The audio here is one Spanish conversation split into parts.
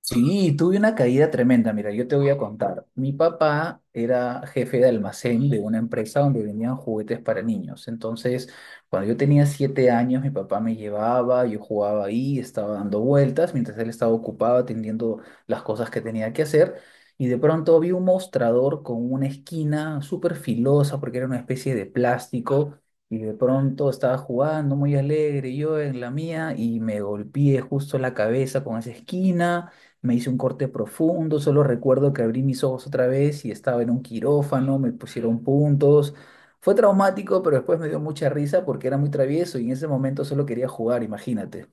Sí, tuve una caída tremenda. Mira, yo te voy a contar. Mi papá era jefe de almacén de una empresa donde vendían juguetes para niños. Entonces, cuando yo tenía 7 años, mi papá me llevaba, yo jugaba ahí, estaba dando vueltas, mientras él estaba ocupado atendiendo las cosas que tenía que hacer. Y de pronto vi un mostrador con una esquina súper filosa porque era una especie de plástico. Y de pronto estaba jugando muy alegre yo en la mía y me golpeé justo la cabeza con esa esquina. Me hice un corte profundo, solo recuerdo que abrí mis ojos otra vez y estaba en un quirófano, me pusieron puntos. Fue traumático, pero después me dio mucha risa porque era muy travieso y en ese momento solo quería jugar, imagínate.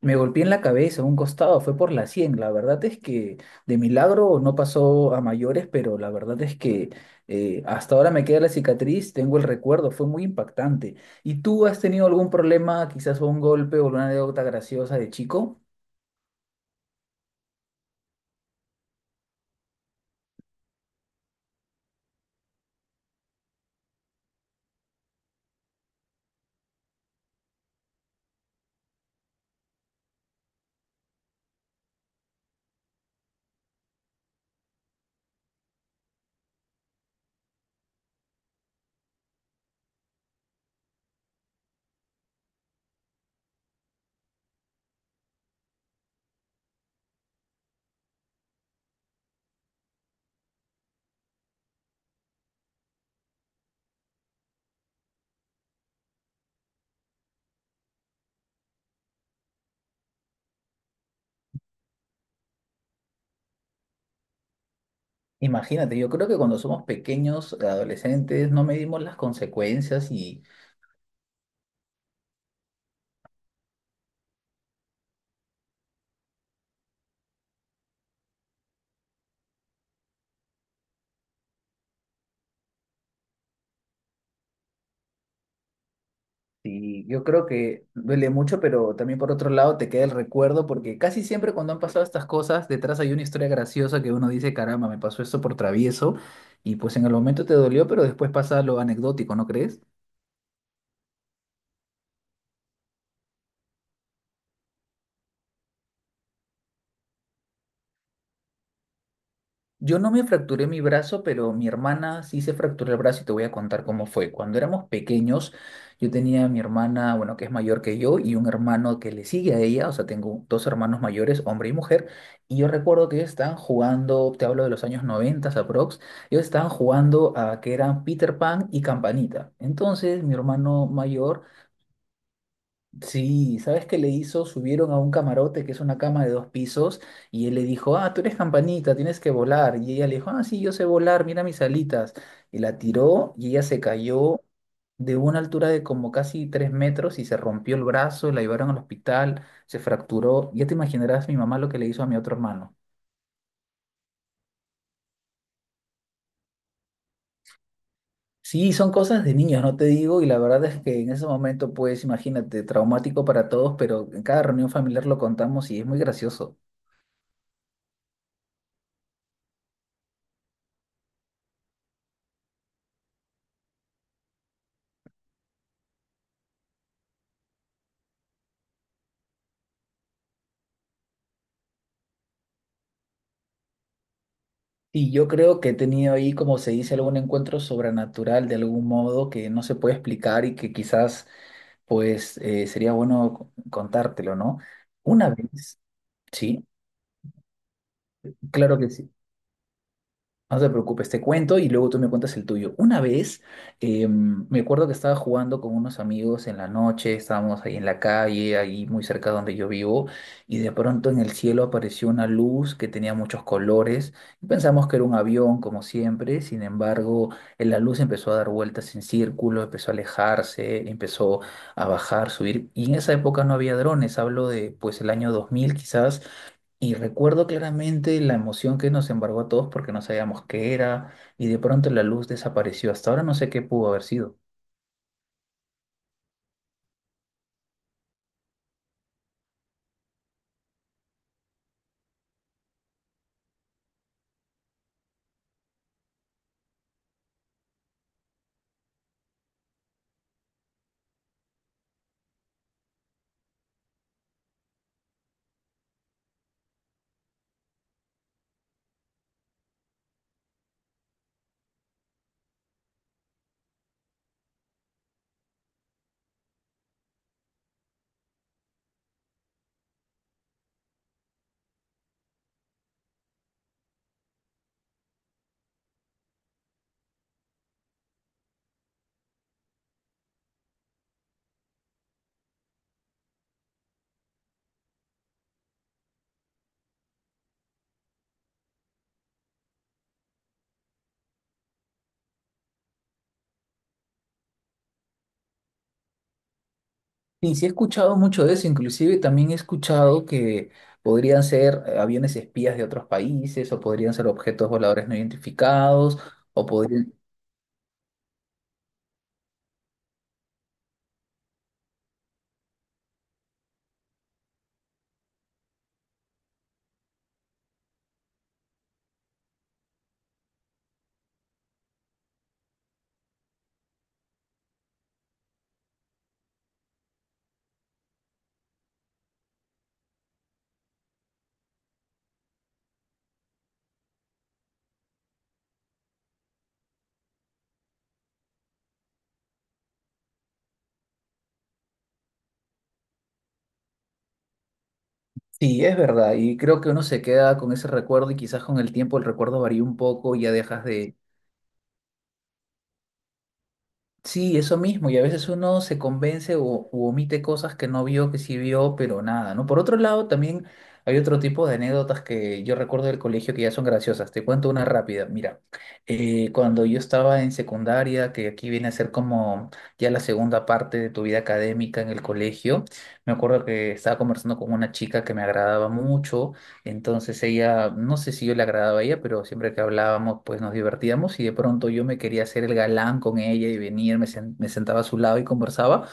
Me golpeé en la cabeza, un costado, fue por la 100. La verdad es que de milagro no pasó a mayores, pero la verdad es que hasta ahora me queda la cicatriz, tengo el recuerdo, fue muy impactante. ¿Y tú has tenido algún problema, quizás un golpe o una anécdota graciosa de chico? Imagínate, yo creo que cuando somos pequeños, adolescentes, no medimos las consecuencias, y yo creo que duele mucho, pero también por otro lado te queda el recuerdo porque casi siempre cuando han pasado estas cosas, detrás hay una historia graciosa que uno dice, caramba, me pasó esto por travieso y pues en el momento te dolió, pero después pasa lo anecdótico, ¿no crees? Yo no me fracturé mi brazo, pero mi hermana sí se fracturó el brazo y te voy a contar cómo fue. Cuando éramos pequeños, yo tenía a mi hermana, bueno, que es mayor que yo, y un hermano que le sigue a ella, o sea, tengo dos hermanos mayores, hombre y mujer, y yo recuerdo que ellos estaban jugando, te hablo de los años 90 aprox, ellos estaban jugando a que eran Peter Pan y Campanita. Entonces, mi hermano mayor. Sí, ¿sabes qué le hizo? Subieron a un camarote que es una cama de dos pisos y él le dijo, ah, tú eres Campanita, tienes que volar. Y ella le dijo, ah, sí, yo sé volar, mira mis alitas. Y la tiró y ella se cayó de una altura de como casi 3 metros y se rompió el brazo, la llevaron al hospital, se fracturó. Ya te imaginarás mi mamá lo que le hizo a mi otro hermano. Sí, son cosas de niños, no te digo, y la verdad es que en ese momento, pues, imagínate, traumático para todos, pero en cada reunión familiar lo contamos y es muy gracioso. Y yo creo que he tenido ahí, como se dice, algún encuentro sobrenatural de algún modo que no se puede explicar y que quizás, pues, sería bueno contártelo, ¿no? Una vez, sí, claro que sí. No te preocupes, te cuento y luego tú me cuentas el tuyo. Una vez, me acuerdo que estaba jugando con unos amigos en la noche, estábamos ahí en la calle, ahí muy cerca donde yo vivo, y de pronto en el cielo apareció una luz que tenía muchos colores. Pensamos que era un avión, como siempre, sin embargo, la luz empezó a dar vueltas en círculo, empezó a alejarse, empezó a bajar, subir, y en esa época no había drones, hablo de pues el año 2000 quizás. Y recuerdo claramente la emoción que nos embargó a todos porque no sabíamos qué era y de pronto la luz desapareció. Hasta ahora no sé qué pudo haber sido. Sí, he escuchado mucho de eso, inclusive también he escuchado que podrían ser aviones espías de otros países o podrían ser objetos voladores no identificados o podrían... Sí, es verdad, y creo que uno se queda con ese recuerdo y quizás con el tiempo el recuerdo varía un poco y ya dejas de. Sí, eso mismo, y a veces uno se convence o u omite cosas que no vio, que sí vio, pero nada, ¿no? Por otro lado, también hay otro tipo de anécdotas que yo recuerdo del colegio que ya son graciosas. Te cuento una rápida. Mira, cuando yo estaba en secundaria, que aquí viene a ser como ya la segunda parte de tu vida académica en el colegio, me acuerdo que estaba conversando con una chica que me agradaba mucho. Entonces ella, no sé si yo le agradaba a ella, pero siempre que hablábamos, pues nos divertíamos y de pronto yo me quería hacer el galán con ella y venir, me sentaba a su lado y conversaba.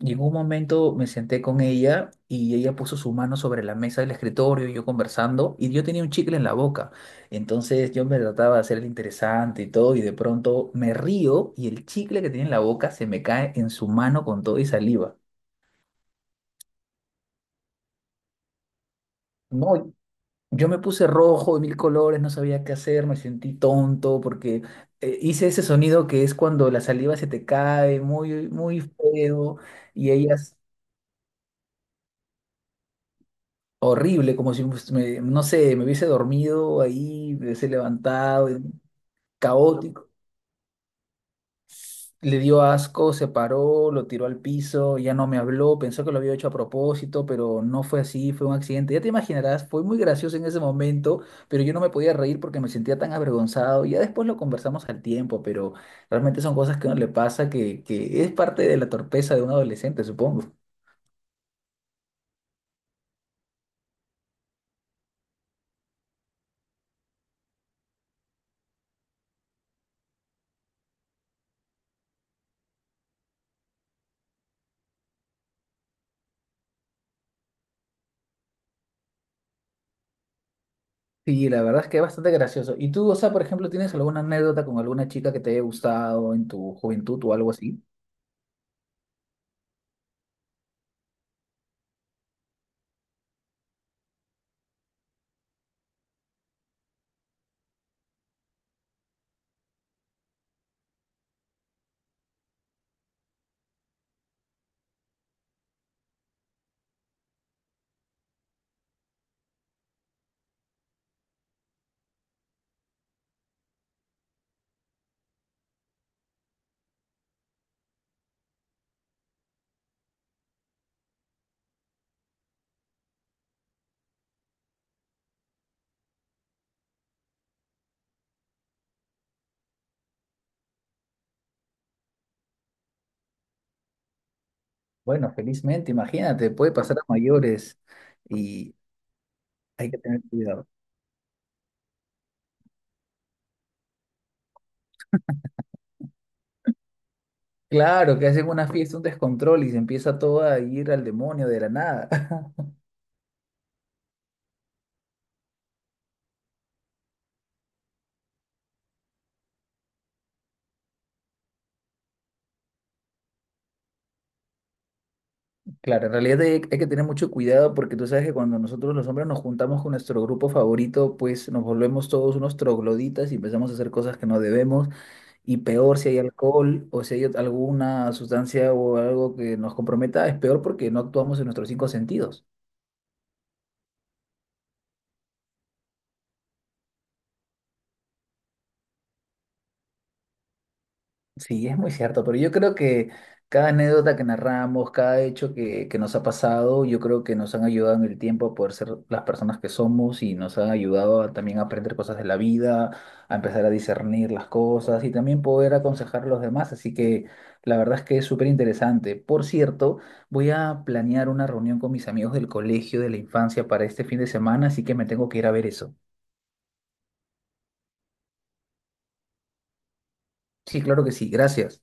Y en un momento me senté con ella y ella puso su mano sobre la mesa del escritorio y yo conversando y yo tenía un chicle en la boca. Entonces yo me trataba de hacer el interesante y todo y de pronto me río y el chicle que tenía en la boca se me cae en su mano con todo y saliva. No, yo me puse rojo de mil colores, no sabía qué hacer, me sentí tonto porque hice ese sonido que es cuando la saliva se te cae, muy, muy feo, y ellas, horrible, como si pues, no sé, me hubiese dormido ahí, me hubiese levantado, caótico. Le dio asco, se paró, lo tiró al piso, ya no me habló, pensó que lo había hecho a propósito, pero no fue así, fue un accidente. Ya te imaginarás, fue muy gracioso en ese momento, pero yo no me podía reír porque me sentía tan avergonzado. Ya después lo conversamos al tiempo, pero realmente son cosas que a uno le pasa que es parte de la torpeza de un adolescente, supongo. Sí, la verdad es que es bastante gracioso. ¿Y tú, o sea, por ejemplo, tienes alguna anécdota con alguna chica que te haya gustado en tu juventud o algo así? Bueno, felizmente, imagínate, puede pasar a mayores. Y hay que tener cuidado. Claro, que hacen una fiesta, un descontrol y se empieza todo a ir al demonio de la nada. Claro, en realidad hay que tener mucho cuidado porque tú sabes que cuando nosotros los hombres nos juntamos con nuestro grupo favorito, pues nos volvemos todos unos trogloditas y empezamos a hacer cosas que no debemos. Y peor si hay alcohol o si hay alguna sustancia o algo que nos comprometa, es peor porque no actuamos en nuestros cinco sentidos. Sí, es muy cierto, pero yo creo que cada anécdota que narramos, cada hecho que nos ha pasado, yo creo que nos han ayudado en el tiempo a poder ser las personas que somos y nos han ayudado a también aprender cosas de la vida, a empezar a discernir las cosas y también poder aconsejar a los demás. Así que la verdad es que es súper interesante. Por cierto, voy a planear una reunión con mis amigos del colegio de la infancia para este fin de semana, así que me tengo que ir a ver eso. Sí, claro que sí, gracias.